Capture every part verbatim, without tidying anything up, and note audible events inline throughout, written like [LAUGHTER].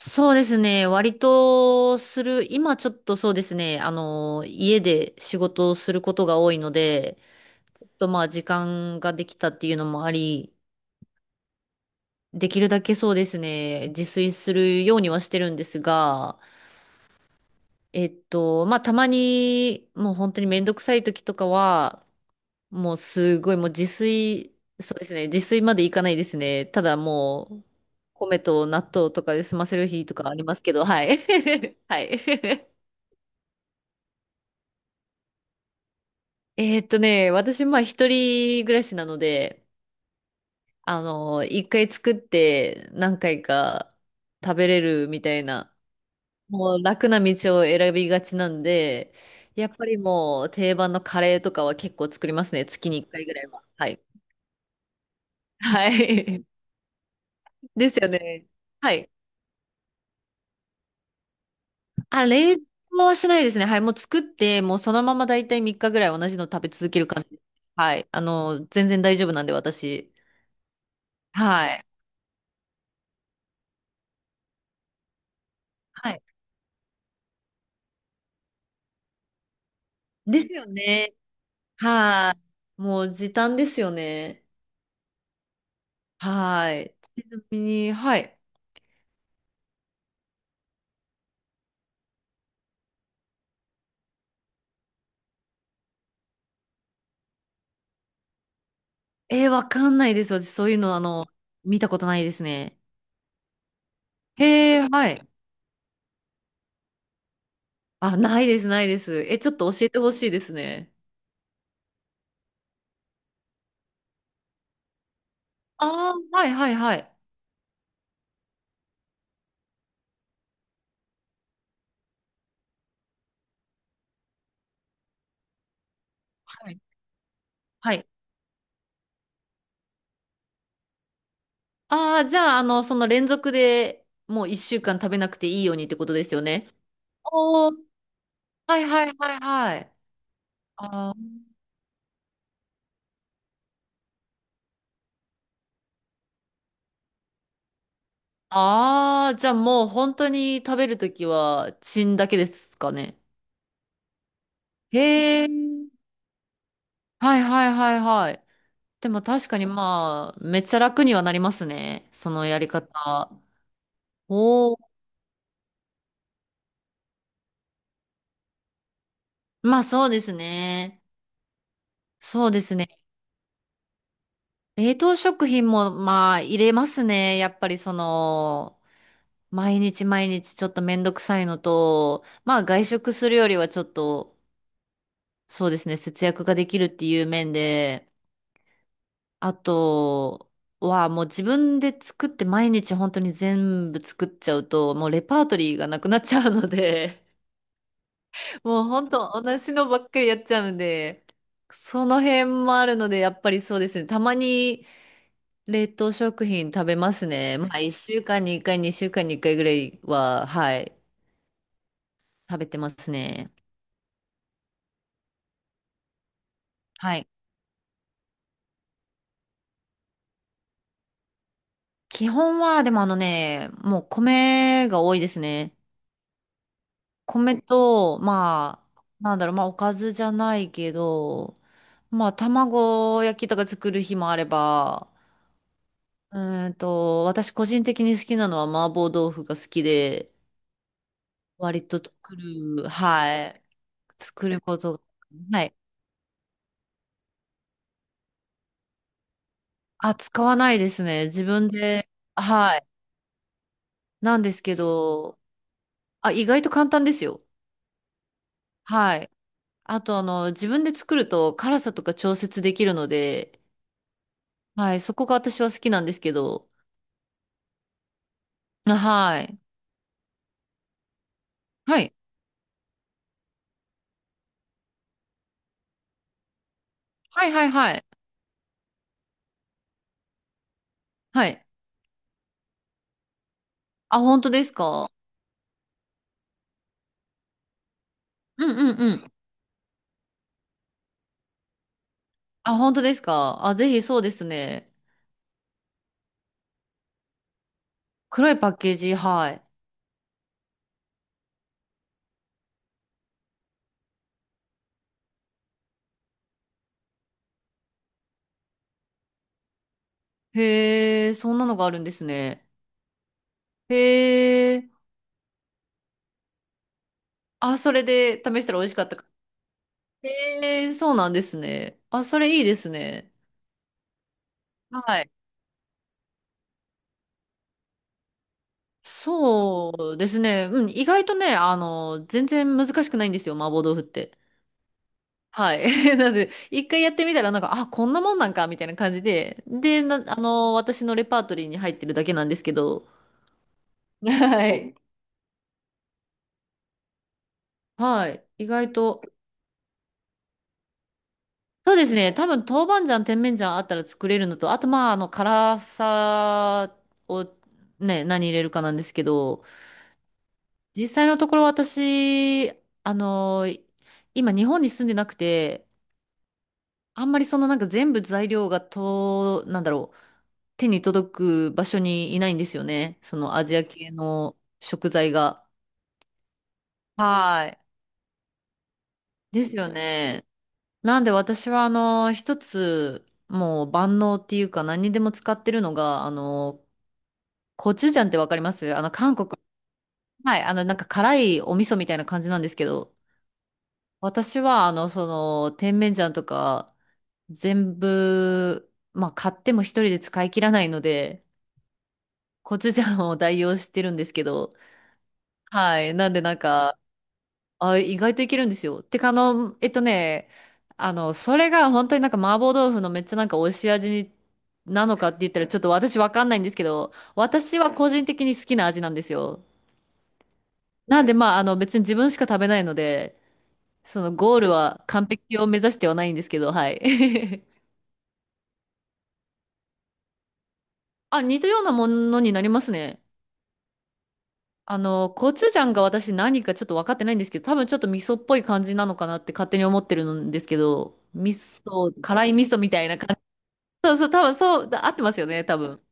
そうですね。割とする、今ちょっとそうですね。あの、家で仕事をすることが多いので、ちょっとまあ時間ができたっていうのもあり、できるだけそうですね、自炊するようにはしてるんですが、えっと、まあたまにもう本当にめんどくさい時とかは、もうすごいもう自炊、そうですね、自炊までいかないですね。ただもう、米と納豆とかで済ませる日とかありますけど、はい。[LAUGHS] はい。えーっとね、私、まあ、一人暮らしなので、あの、一回作って何回か食べれるみたいな、もう楽な道を選びがちなんで、やっぱりもう定番のカレーとかは結構作りますね。月に一回ぐらいは。はい。[LAUGHS] はい。[LAUGHS] ですよね。はい。あ、冷凍はしないですね。はい。もう作って、もうそのまま大体みっかぐらい同じの食べ続ける感じです。はい。あの、全然大丈夫なんで、私。はい。はい。ですよね。はい。もう時短ですよね。はい。ちなみに、はい。えー、わかんないです。私、そういうの、あの、見たことないですね。へえ、はい。あ、ないです、ないです。え、ちょっと教えてほしいですね。ああ、はい、はい、はい。はい。はい。ああ、じゃあ、あの、その連続でもう一週間食べなくていいようにってことですよね。おー、はい、はい、はい、はい。あーあー、じゃあもう本当に食べるときは、チンだけですかね。へえ。はいはいはいはい。でも確かにまあ、めっちゃ楽にはなりますね。そのやり方。おお。まあそうですね。そうですね。冷凍食品もまあ入れますね。やっぱりその、毎日毎日ちょっとめんどくさいのと、まあ外食するよりはちょっと、そうですね、節約ができるっていう面で、あと、はもう自分で作って毎日本当に全部作っちゃうともうレパートリーがなくなっちゃうので、もう本当同じのばっかりやっちゃうんで、その辺もあるので、やっぱりそうですね。たまに冷凍食品食べますね。まあ、いっしゅうかんにいっかい、にしゅうかんにいっかいぐらいは、はい、食べてますね。はい。基本は、でもあのね、もう米が多いですね。米と、まあ、なんだろう、まあ、おかずじゃないけど、まあ、卵焼きとか作る日もあれば、うーんと、私個人的に好きなのは麻婆豆腐が好きで、割と作る、はい、作ることが、はい。あ、使わないですね。自分で、はい。なんですけど、あ、意外と簡単ですよ。はい。あと、あの、自分で作ると辛さとか調節できるので、はい、そこが私は好きなんですけど、はい。はい。はいはいはい。はい。あ、本当ですか？うんうんうん。あ、本当ですか？あ、ぜひそうですね。黒いパッケージ、はい。へえ、そんなのがあるんですね。へえ、あ、それで試したら美味しかったか。へえ、そうなんですね。あ、それいいですね。はい。そうですね。うん、意外とね、あの、全然難しくないんですよ、麻婆豆腐って。はい。[LAUGHS] なので、一回やってみたら、なんか、あ、こんなもんなんか、みたいな感じで、で、な、あの、私のレパートリーに入ってるだけなんですけど、[LAUGHS] はい。はい。意外と、そうですね。多分、豆板醤、甜麺醤あったら作れるのと、あと、まあ、あの、辛さをね、何入れるかなんですけど、実際のところ私、あの、今、日本に住んでなくて、あんまりそのなんか全部材料がと、なんだろう、手に届く場所にいないんですよね。そのアジア系の食材が。はい。ですよね。なんで私はあの、一つ、もう万能っていうか何にでも使ってるのが、あの、コチュジャンってわかりますあの、韓国。はい。あの、なんか辛いお味噌みたいな感じなんですけど、私は、あの、その、甜麺醤とか、全部、まあ、買っても一人で使い切らないので、コチュジャンを代用してるんですけど、はい。なんで、なんか、あ、意外といけるんですよ。てか、あの、えっとね、あの、それが本当になんか麻婆豆腐のめっちゃなんか美味しい味に、なのかって言ったらちょっと私わかんないんですけど、私は個人的に好きな味なんですよ。なんで、まあ、あの、別に自分しか食べないので、そのゴールは完璧を目指してはないんですけど、はい。[LAUGHS] あ、似たようなものになりますね。あの、コチュジャンが私何かちょっと分かってないんですけど、多分ちょっと味噌っぽい感じなのかなって勝手に思ってるんですけど、味噌、辛い味噌みたいな感じ。そうそう、多分そう、だ合ってますよね、多分。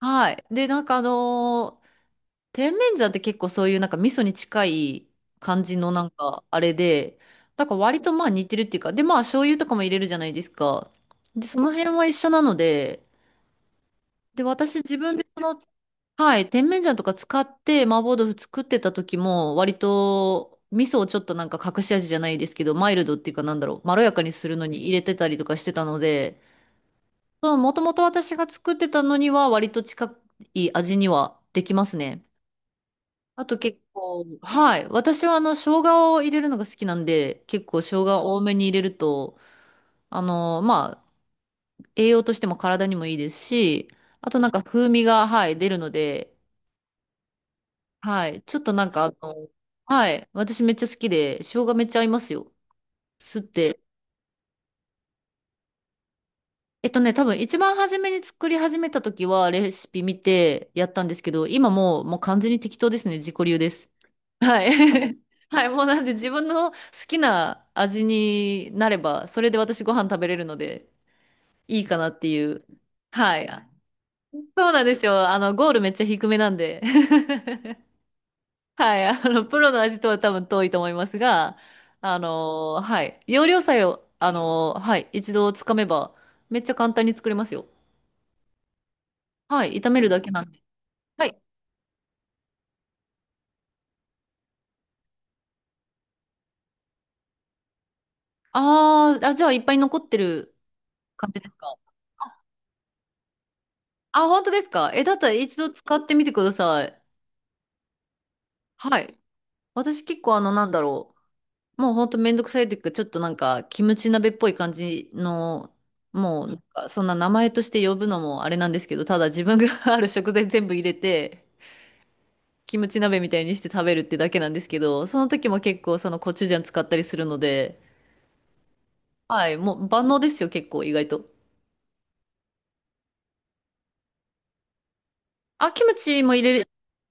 はい。で、なんかあの甜麺醤って結構そういうなんか味噌に近い感じのなんかあれで、なんか割とまあ似てるっていうか、でまあ醤油とかも入れるじゃないですか。で、その辺は一緒なので、で、私自分でその、はい、甜麺醤とか使って麻婆豆腐作ってた時も割と味噌をちょっとなんか隠し味じゃないですけど、マイルドっていうかなんだろう、まろやかにするのに入れてたりとかしてたので、そのもともと私が作ってたのには割と近い味にはできますね。あと結構、はい。私はあの、生姜を入れるのが好きなんで、結構生姜多めに入れると、あの、まあ、栄養としても体にもいいですし、あとなんか風味が、はい、出るので、はい。ちょっとなんかあの、はい。私めっちゃ好きで、生姜めっちゃ合いますよ。吸って。えっとね、多分一番初めに作り始めた時はレシピ見てやったんですけど、今もう、もう完全に適当ですね。自己流です。はい。[LAUGHS] はい、もうなんで自分の好きな味になれば、それで私ご飯食べれるのでいいかなっていう。はい。そうなんですよ。あの、ゴールめっちゃ低めなんで。[LAUGHS] はい。あの、プロの味とは多分遠いと思いますが、あの、はい。要領さえを、あの、はい。一度つかめば、めっちゃ簡単に作れますよ。はい。炒めるだけなんで。はい。あー、あ、じゃあいっぱい残ってる感じですか。あ、本当ですか。え、だったら一度使ってみてください。はい。私結構あの、なんだろう。もうほんとめんどくさいというか、ちょっとなんか、キムチ鍋っぽい感じの、もう、なんかそんな名前として呼ぶのもあれなんですけど、ただ自分が [LAUGHS] ある食材全部入れて、キムチ鍋みたいにして食べるってだけなんですけど、その時も結構そのコチュジャン使ったりするので、はい、もう万能ですよ、結構意外と。あ、キムチも入れる、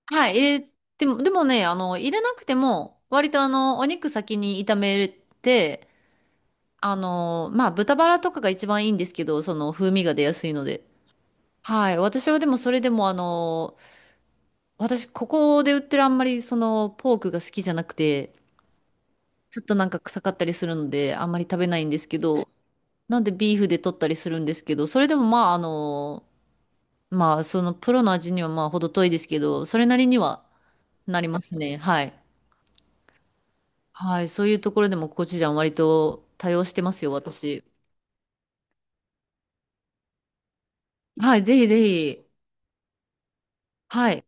はい、入れても、でもね、あの、入れなくても、割とあの、お肉先に炒めて、あの、まあ、豚バラとかが一番いいんですけど、その風味が出やすいので。はい。私はでもそれでもあの、私ここで売ってるあんまりそのポークが好きじゃなくて、ちょっとなんか臭かったりするのであんまり食べないんですけど、なんでビーフで取ったりするんですけど、それでもまああの、まあそのプロの味にはまあ程遠いですけど、それなりにはなりますね。はい。はい。そういうところでもコチュジャン割と多用してますよ、私。はい。ぜひぜひ。はい。